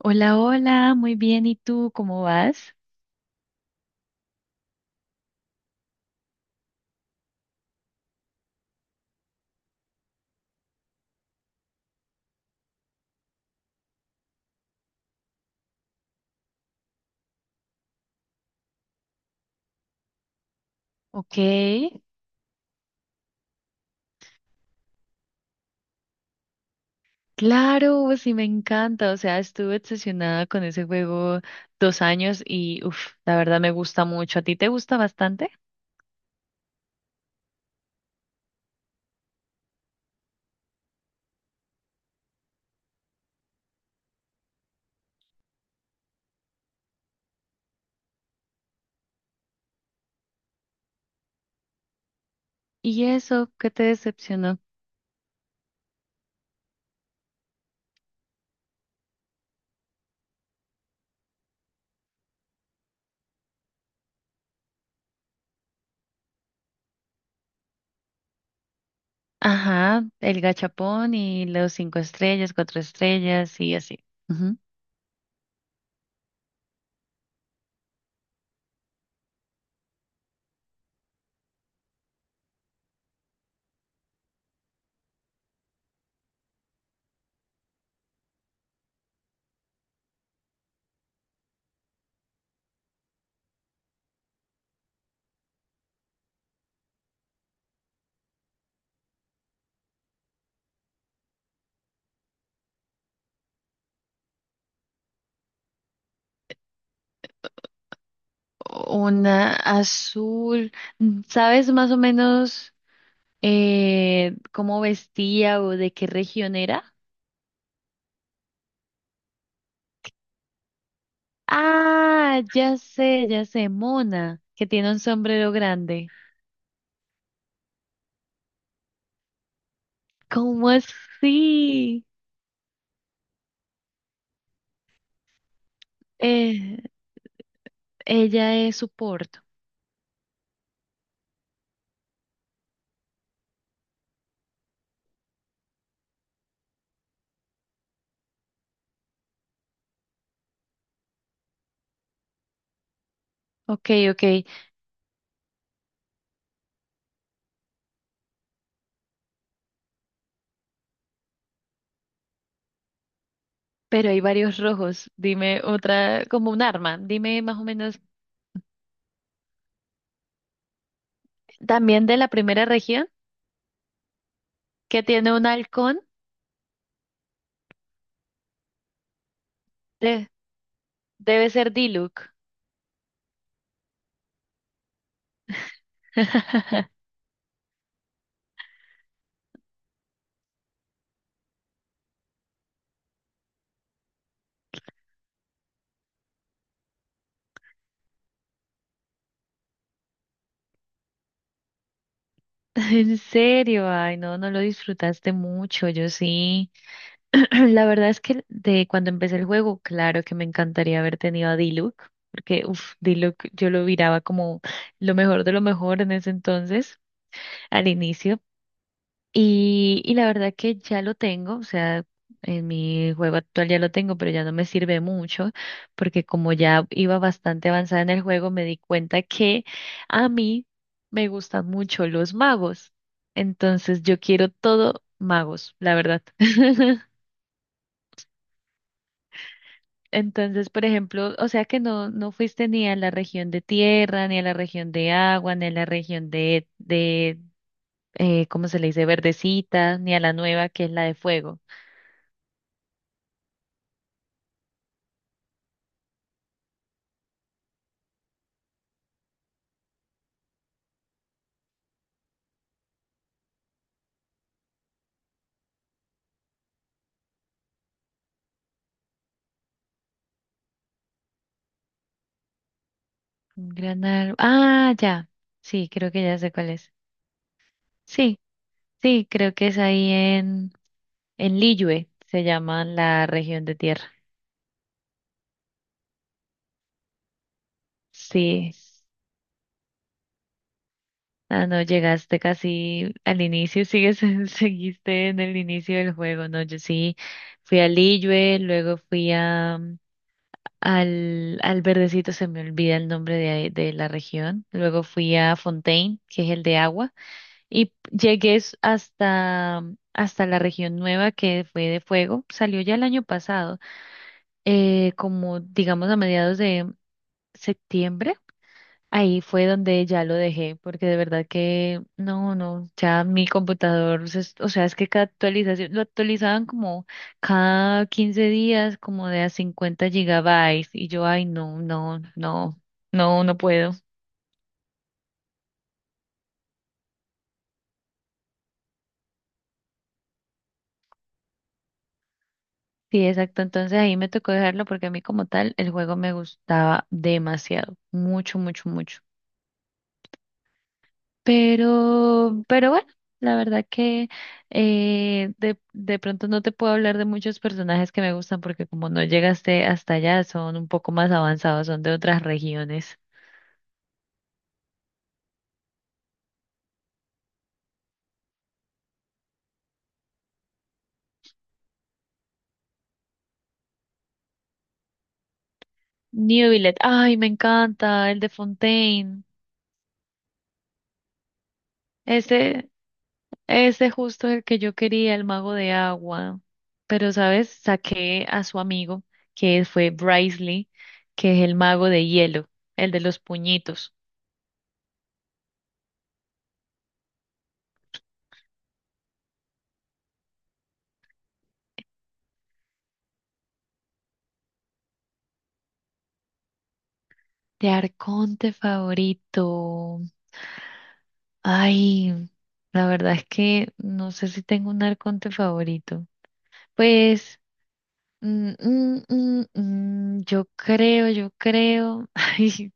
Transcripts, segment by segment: Hola, hola, muy bien. ¿Y tú cómo vas? Ok, claro, pues sí me encanta. O sea, estuve obsesionada con ese juego 2 años y, uff, la verdad me gusta mucho. ¿A ti te gusta bastante? ¿Y eso qué te decepcionó? Ajá, el gachapón y los cinco estrellas, cuatro estrellas y así. Ujú. Una azul. ¿Sabes más o menos cómo vestía o de qué región era? Ah, ya sé, Mona, que tiene un sombrero grande. ¿Cómo así? Eh, Ella es soporte. Ok, ok, pero hay varios rojos. Dime otra, como un arma. Dime más o menos, también de la primera región, que tiene un halcón. De- Debe ser Diluc. En serio, ay, no, no lo disfrutaste mucho, yo sí. La verdad es que de cuando empecé el juego, claro que me encantaría haber tenido a Diluc, porque uff, Diluc yo lo miraba como lo mejor de lo mejor en ese entonces, al inicio. Y la verdad que ya lo tengo, o sea, en mi juego actual ya lo tengo, pero ya no me sirve mucho, porque como ya iba bastante avanzada en el juego, me di cuenta que a mí me gustan mucho los magos. Entonces yo quiero todo magos, la verdad. Entonces, por ejemplo, o sea que no, no fuiste ni a la región de tierra, ni a la región de agua, ni a la región de, ¿cómo se le dice? Verdecita, ni a la nueva que es la de fuego. Un gran árbol. Ah, ya. Sí, creo que ya sé cuál es. Sí, sí, creo que es ahí en, Liyue, se llama la región de tierra. Sí. Ah, no, llegaste casi al inicio, sigues, seguiste en el inicio del juego, ¿no? Yo sí fui a Liyue, luego fui al verdecito, se me olvida el nombre de la región, luego fui a Fontaine, que es el de agua, y llegué hasta, hasta la región nueva que fue de fuego, salió ya el año pasado, como digamos a mediados de septiembre. Ahí fue donde ya lo dejé, porque de verdad que no, no, ya mi computador, o sea, es que cada actualización, lo actualizaban como cada 15 días, como de a 50 gigabytes, y yo, ay, no, no, no, no, no puedo. Sí, exacto, entonces ahí me tocó dejarlo porque a mí como tal el juego me gustaba demasiado, mucho, mucho, mucho. Pero bueno, la verdad que de pronto no te puedo hablar de muchos personajes que me gustan porque como no llegaste hasta allá, son un poco más avanzados, son de otras regiones. Newvillet, ay, me encanta, el de Fontaine. Ese, ese justo el que yo quería, el mago de agua. Pero, ¿sabes? Saqué a su amigo, que fue Bricely, que es el mago de hielo, el de los puñitos. De Arconte favorito. Ay, la verdad es que no sé si tengo un arconte favorito. Pues, mm, mm, mm, yo creo, yo creo. Ay,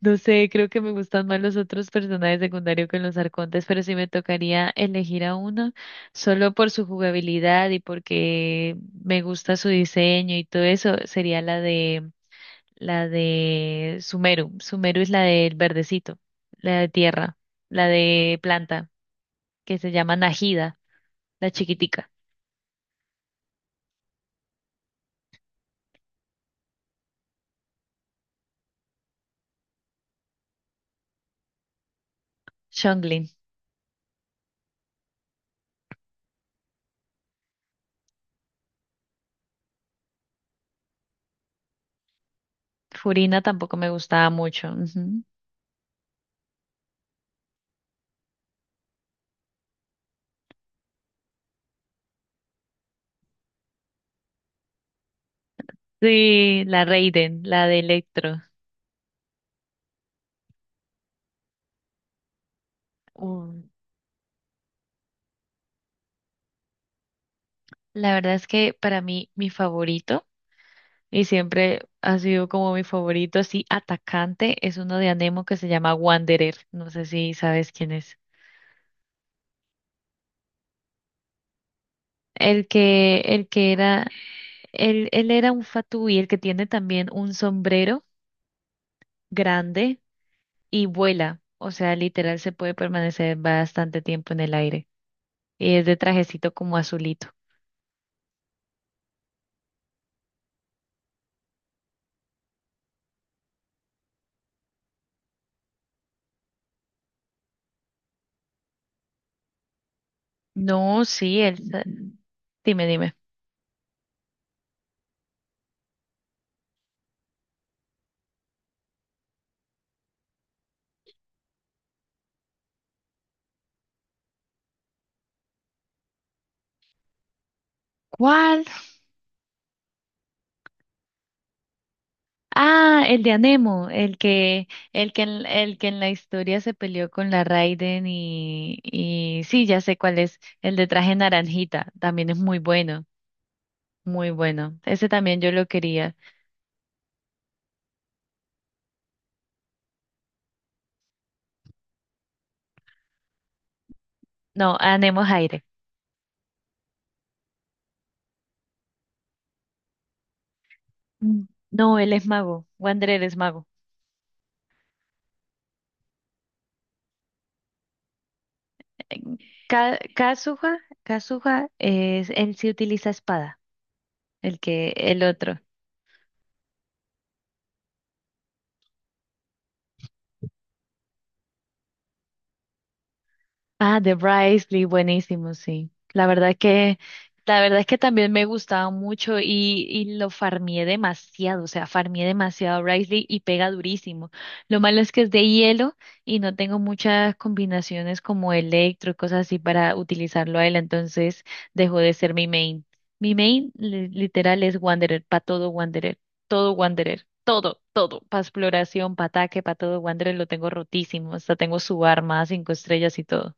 no sé, creo que me gustan más los otros personajes secundarios que los arcontes, pero si me tocaría elegir a uno solo por su jugabilidad y porque me gusta su diseño y todo eso, sería la de Sumeru. Sumeru es la del verdecito, la de tierra, la de planta que se llama Najida, la chiquitica. Chonglin. Furina tampoco me gustaba mucho. Ujú. Sí, la Raiden, la de Electro. Uh, La verdad es que para mí mi favorito, y siempre ha sido como mi favorito así atacante, es uno de Anemo que se llama Wanderer. No sé si sabes quién es. El que era, él era un fatui, el que tiene también un sombrero grande y vuela. O sea, literal se puede permanecer bastante tiempo en el aire. Y es de trajecito como azulito. No, sí, él. Dime, dime. ¿Cuál? Ah, el de Anemo, el que en la historia se peleó con la Raiden y sí, ya sé cuál es, el de traje naranjita, también es muy bueno, muy bueno. Ese también yo lo quería. No, Anemo es aire. Mm. No, él es mago, Wanderer es mago. Ka Kazuha, Kazuha, es, él sí utiliza espada, el que, el otro. Ah, de Bryce Lee, buenísimo, sí. La verdad es que también me gustaba mucho y lo farmié demasiado, o sea, farmié demasiado a Bryce Lee y pega durísimo. Lo malo es que es de hielo y no tengo muchas combinaciones como electro y cosas así para utilizarlo a él, entonces dejó de ser mi main. Mi main literal es Wanderer, para todo Wanderer, todo Wanderer. Todo, todo, para exploración, para ataque, para todo, Wanderer lo tengo rotísimo, hasta tengo su arma, cinco estrellas y todo.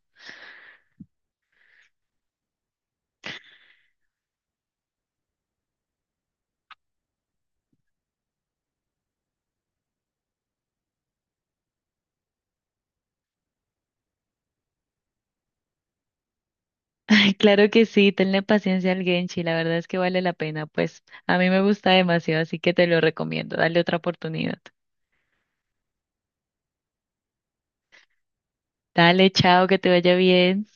Ay, claro que sí, tenle paciencia al Genshi, la verdad es que vale la pena, pues a mí me gusta demasiado, así que te lo recomiendo, dale otra oportunidad. Dale, chao, que te vaya bien.